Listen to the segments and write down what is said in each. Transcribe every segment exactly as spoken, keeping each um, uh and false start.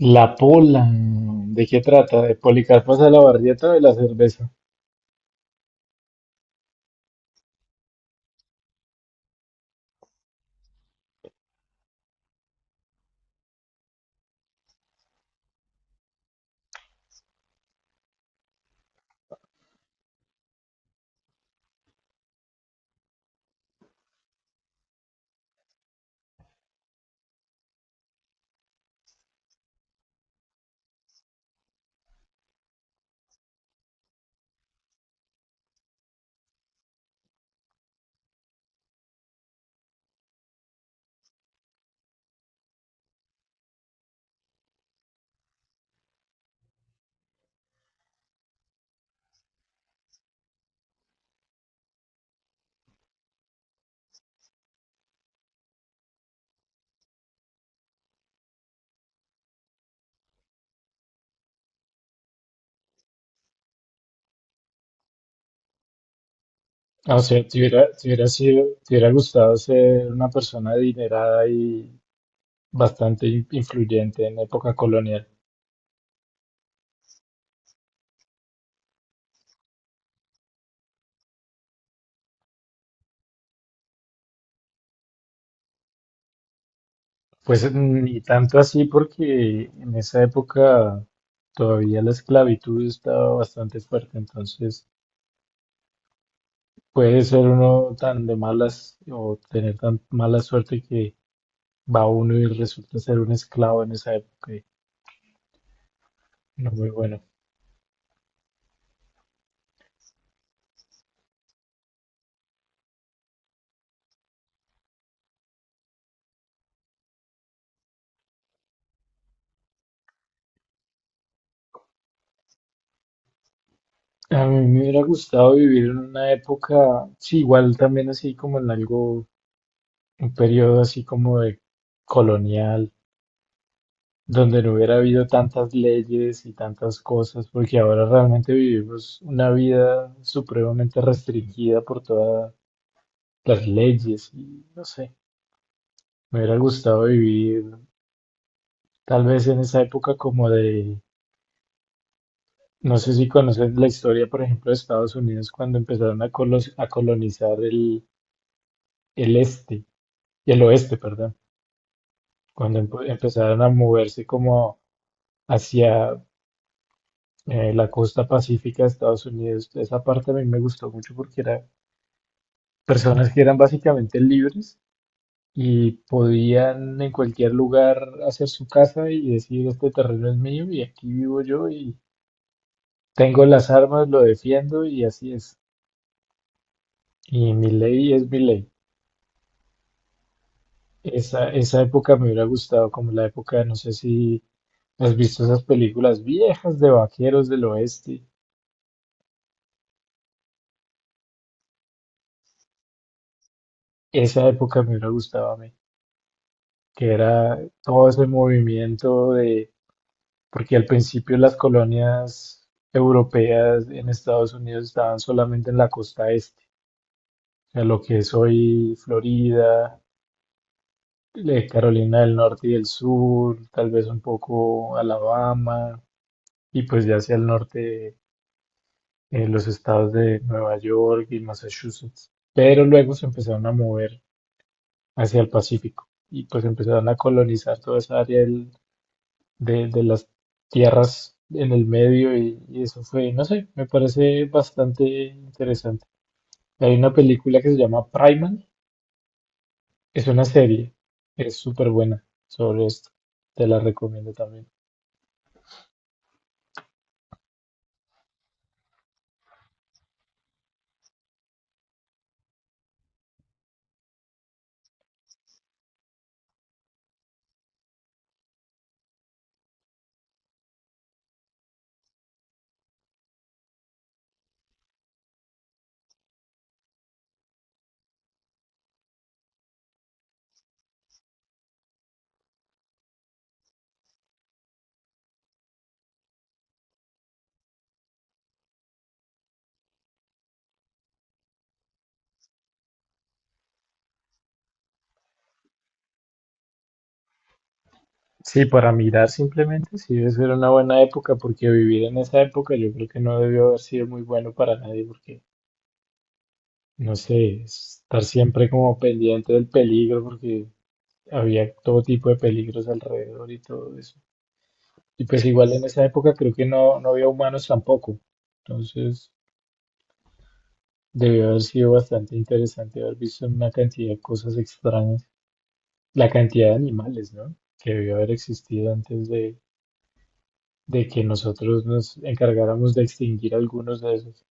La Pola. ¿De qué trata? De Policarpo Salabarrieta o de la cerveza. Ah, o sea, te hubiera, te hubiera sido, te hubiera gustado ser una persona adinerada y bastante in- influyente en época colonial. Pues ni tanto así porque en esa época todavía la esclavitud estaba bastante fuerte, entonces puede ser uno tan de malas o tener tan mala suerte que va uno y resulta ser un esclavo en esa época. Y no muy bueno. A mí me hubiera gustado vivir en una época, sí, igual también así como en algo, un periodo así como de colonial, donde no hubiera habido tantas leyes y tantas cosas, porque ahora realmente vivimos una vida supremamente restringida por todas las leyes y no sé, me hubiera gustado vivir tal vez en esa época como de, no sé si conoces la historia, por ejemplo, de Estados Unidos cuando empezaron a, colos- a colonizar el, el este, el oeste, perdón. Cuando empe- empezaron a moverse como hacia eh, la costa pacífica de Estados Unidos. Esa parte a mí me gustó mucho porque eran personas que eran básicamente libres y podían en cualquier lugar hacer su casa y decir, este terreno es mío y aquí vivo yo y tengo las armas, lo defiendo y así es. Y mi ley es mi ley. Esa, esa época me hubiera gustado como la época, no sé si has visto esas películas viejas de vaqueros del oeste. Esa época me hubiera gustado a mí, que era todo ese movimiento de, porque al principio las colonias europeas en Estados Unidos estaban solamente en la costa este, o sea, lo que es hoy Florida, eh, Carolina del Norte y del Sur, tal vez un poco Alabama, y pues ya hacia el norte eh, los estados de Nueva York y Massachusetts. Pero luego se empezaron a mover hacia el Pacífico y pues empezaron a colonizar toda esa área de, de las tierras en el medio y, y eso fue, no sé, me parece bastante interesante. Hay una película que se llama Primal, es una serie, es súper buena sobre esto, te la recomiendo también. Sí, para mirar simplemente, sí, debe ser una buena época, porque vivir en esa época yo creo que no debió haber sido muy bueno para nadie, porque, no sé, estar siempre como pendiente del peligro, porque había todo tipo de peligros alrededor y todo eso. Y pues igual en esa época creo que no, no había humanos tampoco. Entonces debió haber sido bastante interesante haber visto una cantidad de cosas extrañas. La cantidad de animales, ¿no? Que debió haber existido antes de, de que nosotros nos encargáramos de extinguir algunos de esos.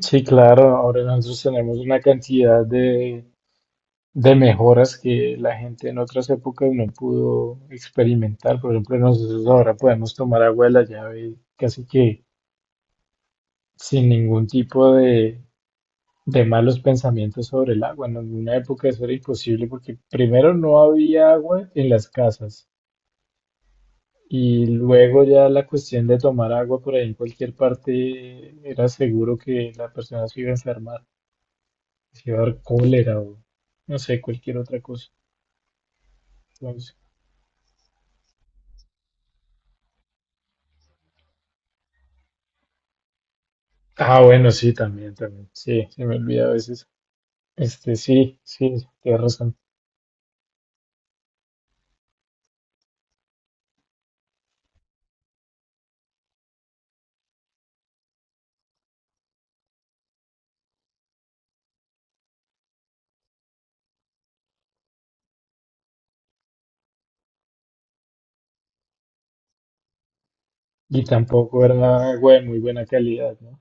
Sí, claro, ahora nosotros tenemos una cantidad de, de mejoras que la gente en otras épocas no pudo experimentar. Por ejemplo, nosotros ahora podemos tomar agua de la llave casi que sin ningún tipo de, de malos pensamientos sobre el agua. En una época eso era imposible porque primero no había agua en las casas y luego ya la cuestión de tomar agua por ahí en cualquier parte era seguro que la persona se iba a enfermar, se iba a dar cólera o no sé, cualquier otra cosa. Entonces, ah, bueno, sí, también, también. Sí, se me olvida a veces. Este, sí, sí, tienes razón. Y tampoco era agua de muy buena calidad, ¿no?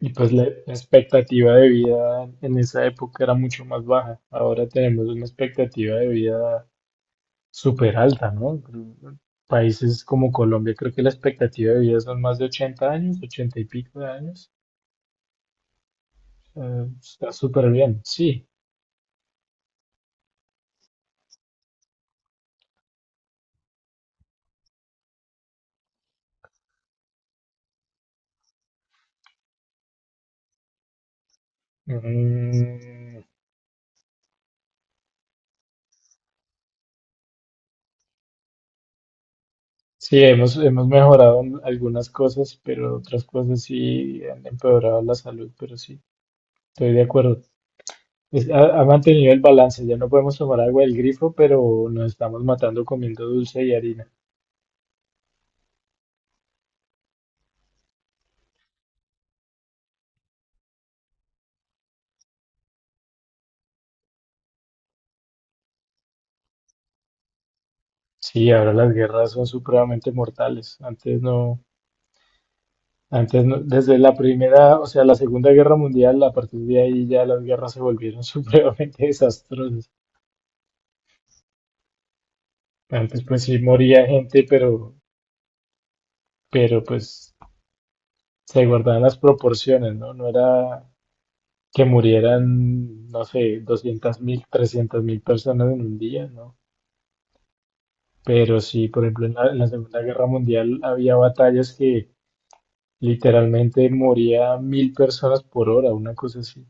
Y pues la, la expectativa de vida en esa época era mucho más baja. Ahora tenemos una expectativa de vida súper alta, ¿no? Países como Colombia, creo que la expectativa de vida son más de ochenta años, ochenta y pico de años. Eh, está súper bien, sí. Mm, sí, hemos, hemos mejorado en algunas cosas, pero otras cosas sí han empeorado la salud, pero sí, estoy de acuerdo. Es- ha, ha mantenido el balance, ya no podemos tomar agua del grifo, pero nos estamos matando comiendo dulce y harina. Sí, ahora las guerras son supremamente mortales. Antes no, antes no, desde la primera, o sea, la Segunda Guerra Mundial, a partir de ahí ya las guerras se volvieron supremamente desastrosas. Antes pues sí moría gente, pero, pero pues se guardaban las proporciones, ¿no? No era que murieran, no sé, doscientos mil, trescientos mil personas en un día, ¿no? Pero sí, por ejemplo, en la, en la Segunda Guerra Mundial había batallas que literalmente moría mil personas por hora, una cosa así.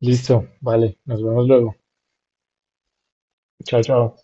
Listo, vale, nos vemos luego. Chao, chao.